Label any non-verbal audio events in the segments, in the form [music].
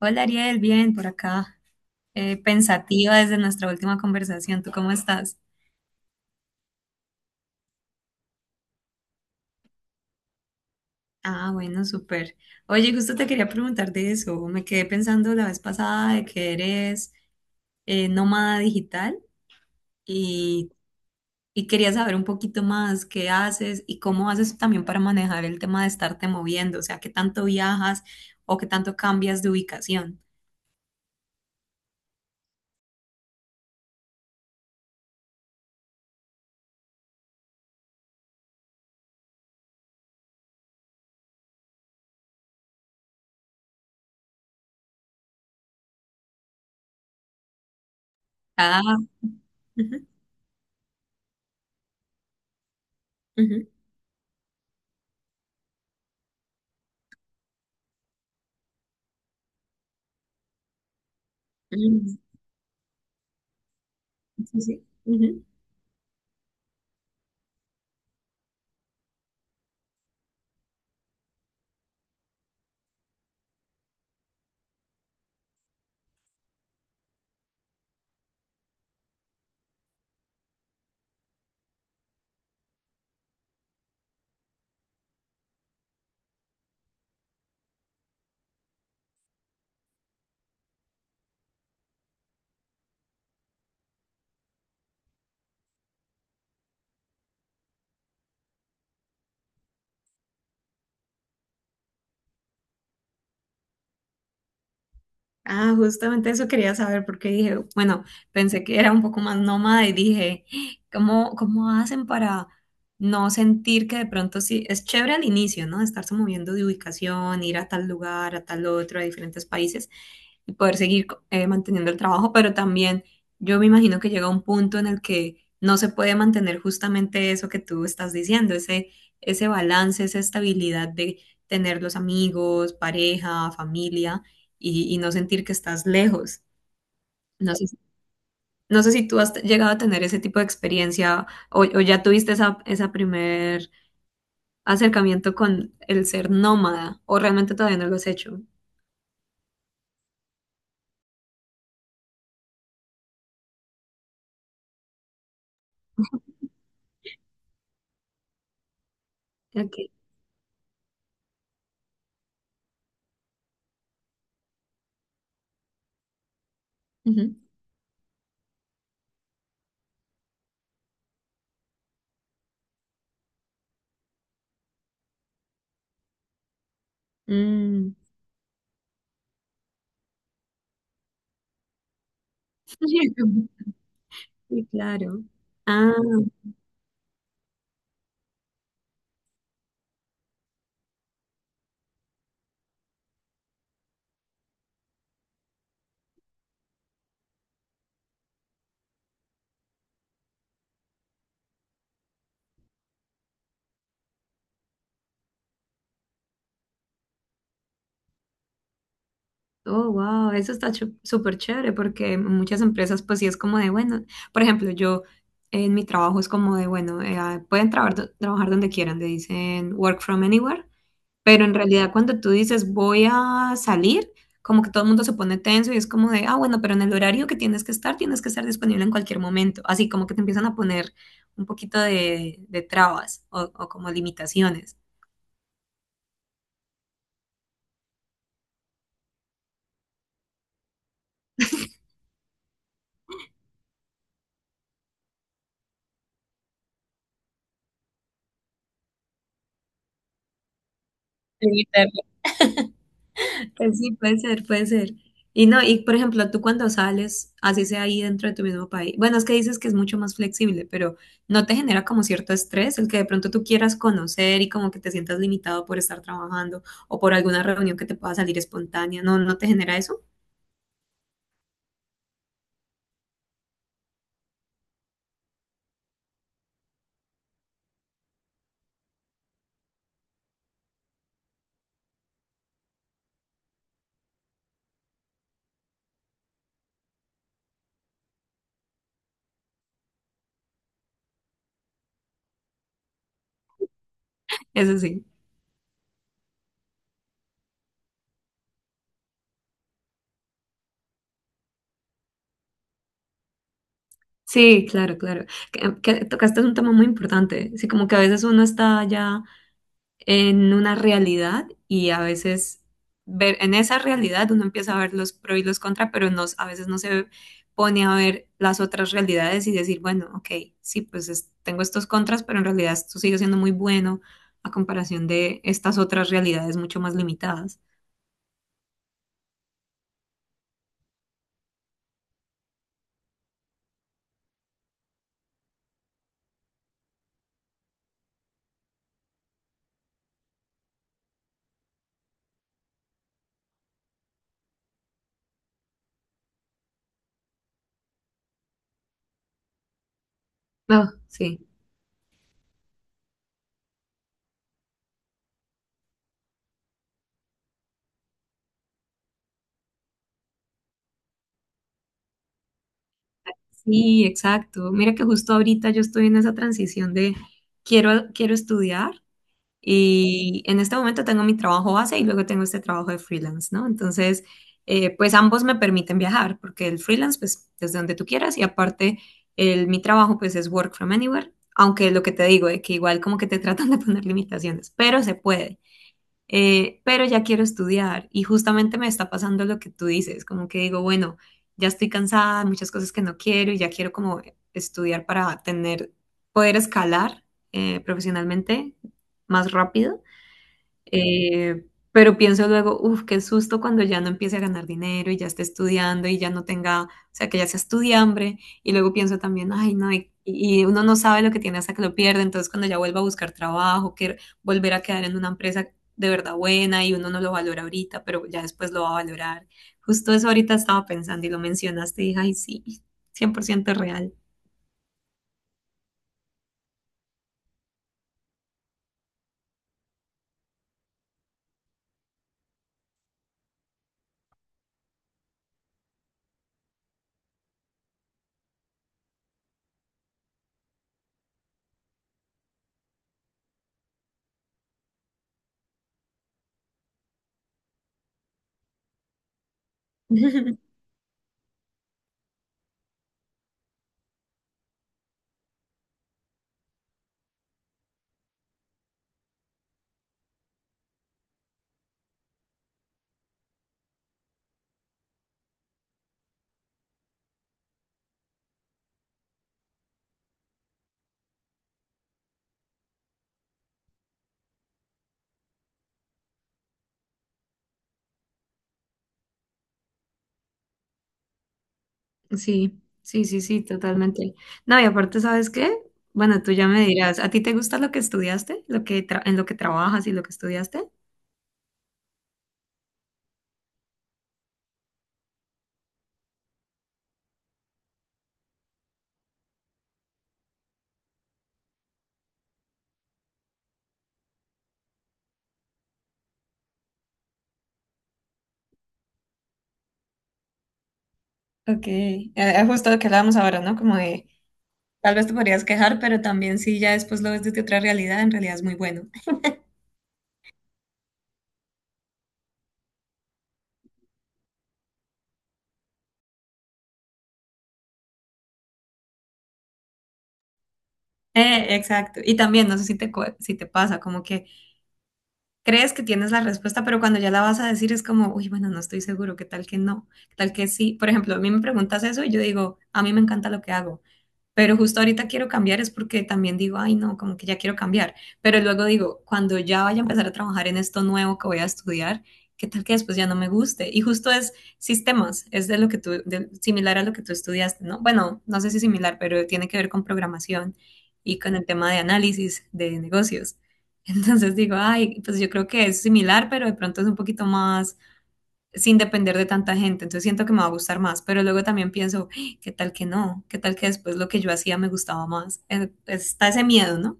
Hola Ariel, bien por acá. Pensativa desde nuestra última conversación. ¿Tú cómo estás? Ah, bueno, súper. Oye, justo te quería preguntar de eso. Me quedé pensando la vez pasada de que eres nómada digital y, y quería saber un poquito más qué haces y cómo haces también para manejar el tema de estarte moviendo, o sea, qué tanto viajas o qué tanto cambias de ubicación. Ah, ujú, ujú, ujú, sí, sí, ujú. Ah, justamente eso quería saber porque dije, bueno, pensé que era un poco más nómada y dije, "Ah, ¿cómo hacen para no sentir que de pronto sí, es chévere al inicio, ¿no? Estarse moviendo de ubicación, ir a tal lugar, a tal otro, a diferentes países, y poder seguir manteniendo el trabajo, pero también yo me imagino que llega un punto en el que no se puede mantener justamente eso que tú estás diciendo, ese balance, esa estabilidad de tener los amigos, pareja, familia y no sentir que estás lejos. No sé, no sé si tú has llegado a tener ese tipo de experiencia o ya tuviste esa primer acercamiento con el ser nómada o realmente todavía no lo has hecho. Ok. Ujú. Mm. [laughs] Sí, claro. Ah, oh, wow, eso está súper chévere porque en muchas empresas pues sí es como de, bueno, por ejemplo, yo en mi trabajo es como de, bueno, pueden trabajar donde quieran, le dicen work from anywhere, pero en realidad cuando tú dices voy a salir, como que todo el mundo se pone tenso y es como de, ah, bueno, pero en el horario que tienes que estar disponible en cualquier momento, así como que te empiezan a poner un poquito de trabas o como limitaciones. Pues sí, puede ser, puede ser. Y no, y por ejemplo, tú cuando sales, así sea ahí dentro de tu mismo país, bueno, es que dices que es mucho más flexible, pero ¿no te genera como cierto estrés el que de pronto tú quieras conocer y como que te sientas limitado por estar trabajando o por alguna reunión que te pueda salir espontánea? ¿No, no te genera eso? Eso sí. Sí, claro, claro. Que tocaste un tema muy importante. Sí, como que a veces uno está ya en una realidad y a veces ver en esa realidad uno empieza a ver los pro y los contra, pero no, a veces no se pone a ver las otras realidades y decir, bueno, ok, sí, pues tengo estos contras, pero en realidad esto sigue siendo muy bueno a comparación de estas otras realidades mucho más limitadas. No, sí, sí, exacto. Mira que justo ahorita yo estoy en esa transición de quiero estudiar y en este momento tengo mi trabajo base y luego tengo este trabajo de freelance, ¿no? Entonces, pues ambos me permiten viajar porque el freelance, pues desde donde tú quieras y aparte mi trabajo, pues es work from anywhere, aunque lo que te digo es que igual como que te [laughs] tratan de poner limitaciones, pero se puede. Pero ya quiero estudiar y justamente me está pasando lo que tú dices, como que digo, bueno, ya estoy cansada, hay muchas cosas que no quiero y ya quiero como estudiar para tener, poder escalar profesionalmente más rápido. Eh, pero pienso luego, uff, qué susto cuando ya no empiece a ganar dinero y ya esté estudiando y ya no tenga, o sea, que ya sea estudiambre. Y luego pienso también, ay, no, y uno no sabe lo que tiene hasta que lo pierde. Entonces, cuando ya vuelva a buscar trabajo, que volver a quedar en una empresa de verdad buena y uno no lo valora ahorita, pero ya después lo va a valorar. Justo eso ahorita estaba pensando y lo mencionaste y dije, ay, sí, 100% real. [laughs] Sí, sí, sí, sí, totalmente. No, y aparte, ¿sabes qué? Bueno, tú ya me dirás, ¿a ti te gusta lo que estudiaste? ¿Lo que en lo que trabajas y lo que estudiaste? Ok, justo lo que hablábamos ahora, ¿no? Como de, tal vez te podrías quejar, pero también si ya después lo ves desde otra realidad, en realidad es muy bueno. Exacto. Y también, no sé si te, si te pasa, como que crees que tienes la respuesta, pero cuando ya la vas a decir es como, uy, bueno, no estoy seguro, qué tal que no, qué tal que sí. Por ejemplo, a mí me preguntas eso y yo digo, a mí me encanta lo que hago. Pero justo ahorita quiero cambiar es porque también digo, ay, no, como que ya quiero cambiar. Pero luego digo, cuando ya vaya a empezar a trabajar en esto nuevo que voy a estudiar, ¿qué tal que después ya no me guste? Y justo es sistemas, es de lo que tú, similar a lo que tú estudiaste, ¿no? Bueno, no sé si similar, pero tiene que ver con programación y con el tema de análisis de negocios. [laughs] Entonces digo, ay, pues yo creo que es similar, pero de pronto es un poquito más sin depender de tanta gente, entonces siento que me va a gustar más, pero luego también pienso, "Ay, ¿qué tal que no? ¿Qué tal que después lo que yo hacía me gustaba más? Está ese miedo, ¿no?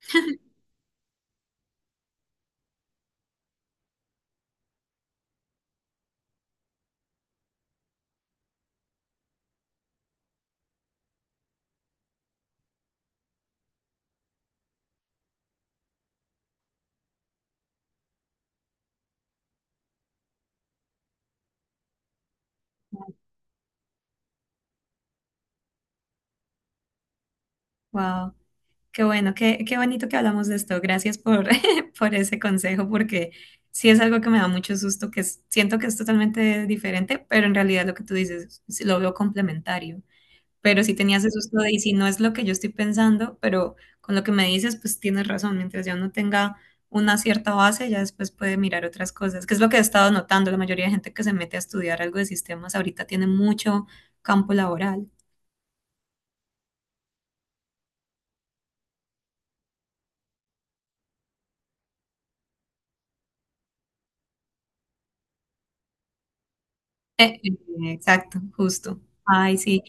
[laughs] Wow, qué bueno, qué bonito que hablamos de esto. Gracias por, [laughs] por ese consejo, porque sí es algo que me da mucho susto, que siento que es totalmente diferente, pero en realidad lo que tú dices, sí lo veo complementario. Pero sí tenías ese susto de, y si no es lo que yo estoy pensando, pero con lo que me dices, pues tienes razón, mientras ya uno tenga una cierta base, ya después puede mirar otras cosas, que es lo que he estado notando, la mayoría de gente que se mete a estudiar algo de sistemas ahorita tiene mucho campo laboral. Eh, eh, exacto, justo. Ay, sí.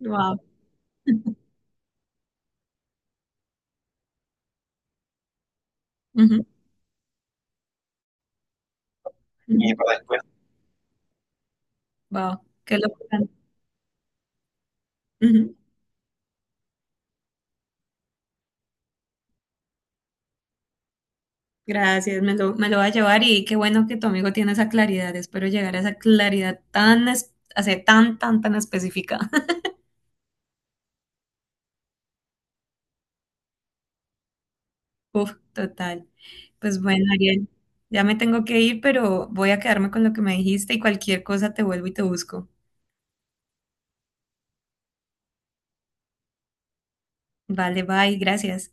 Wow. Y para después. Wow, qué locura. Ujú. Gracias, me lo va a llevar y qué bueno que tu amigo tiene esa claridad. Espero llegar a esa claridad tan, o sea, tan específica. Uf, total. Pues bueno, Ariel, ya me tengo que ir, pero voy a quedarme con lo que me dijiste y cualquier cosa te vuelvo y te busco. Vale, bye, gracias.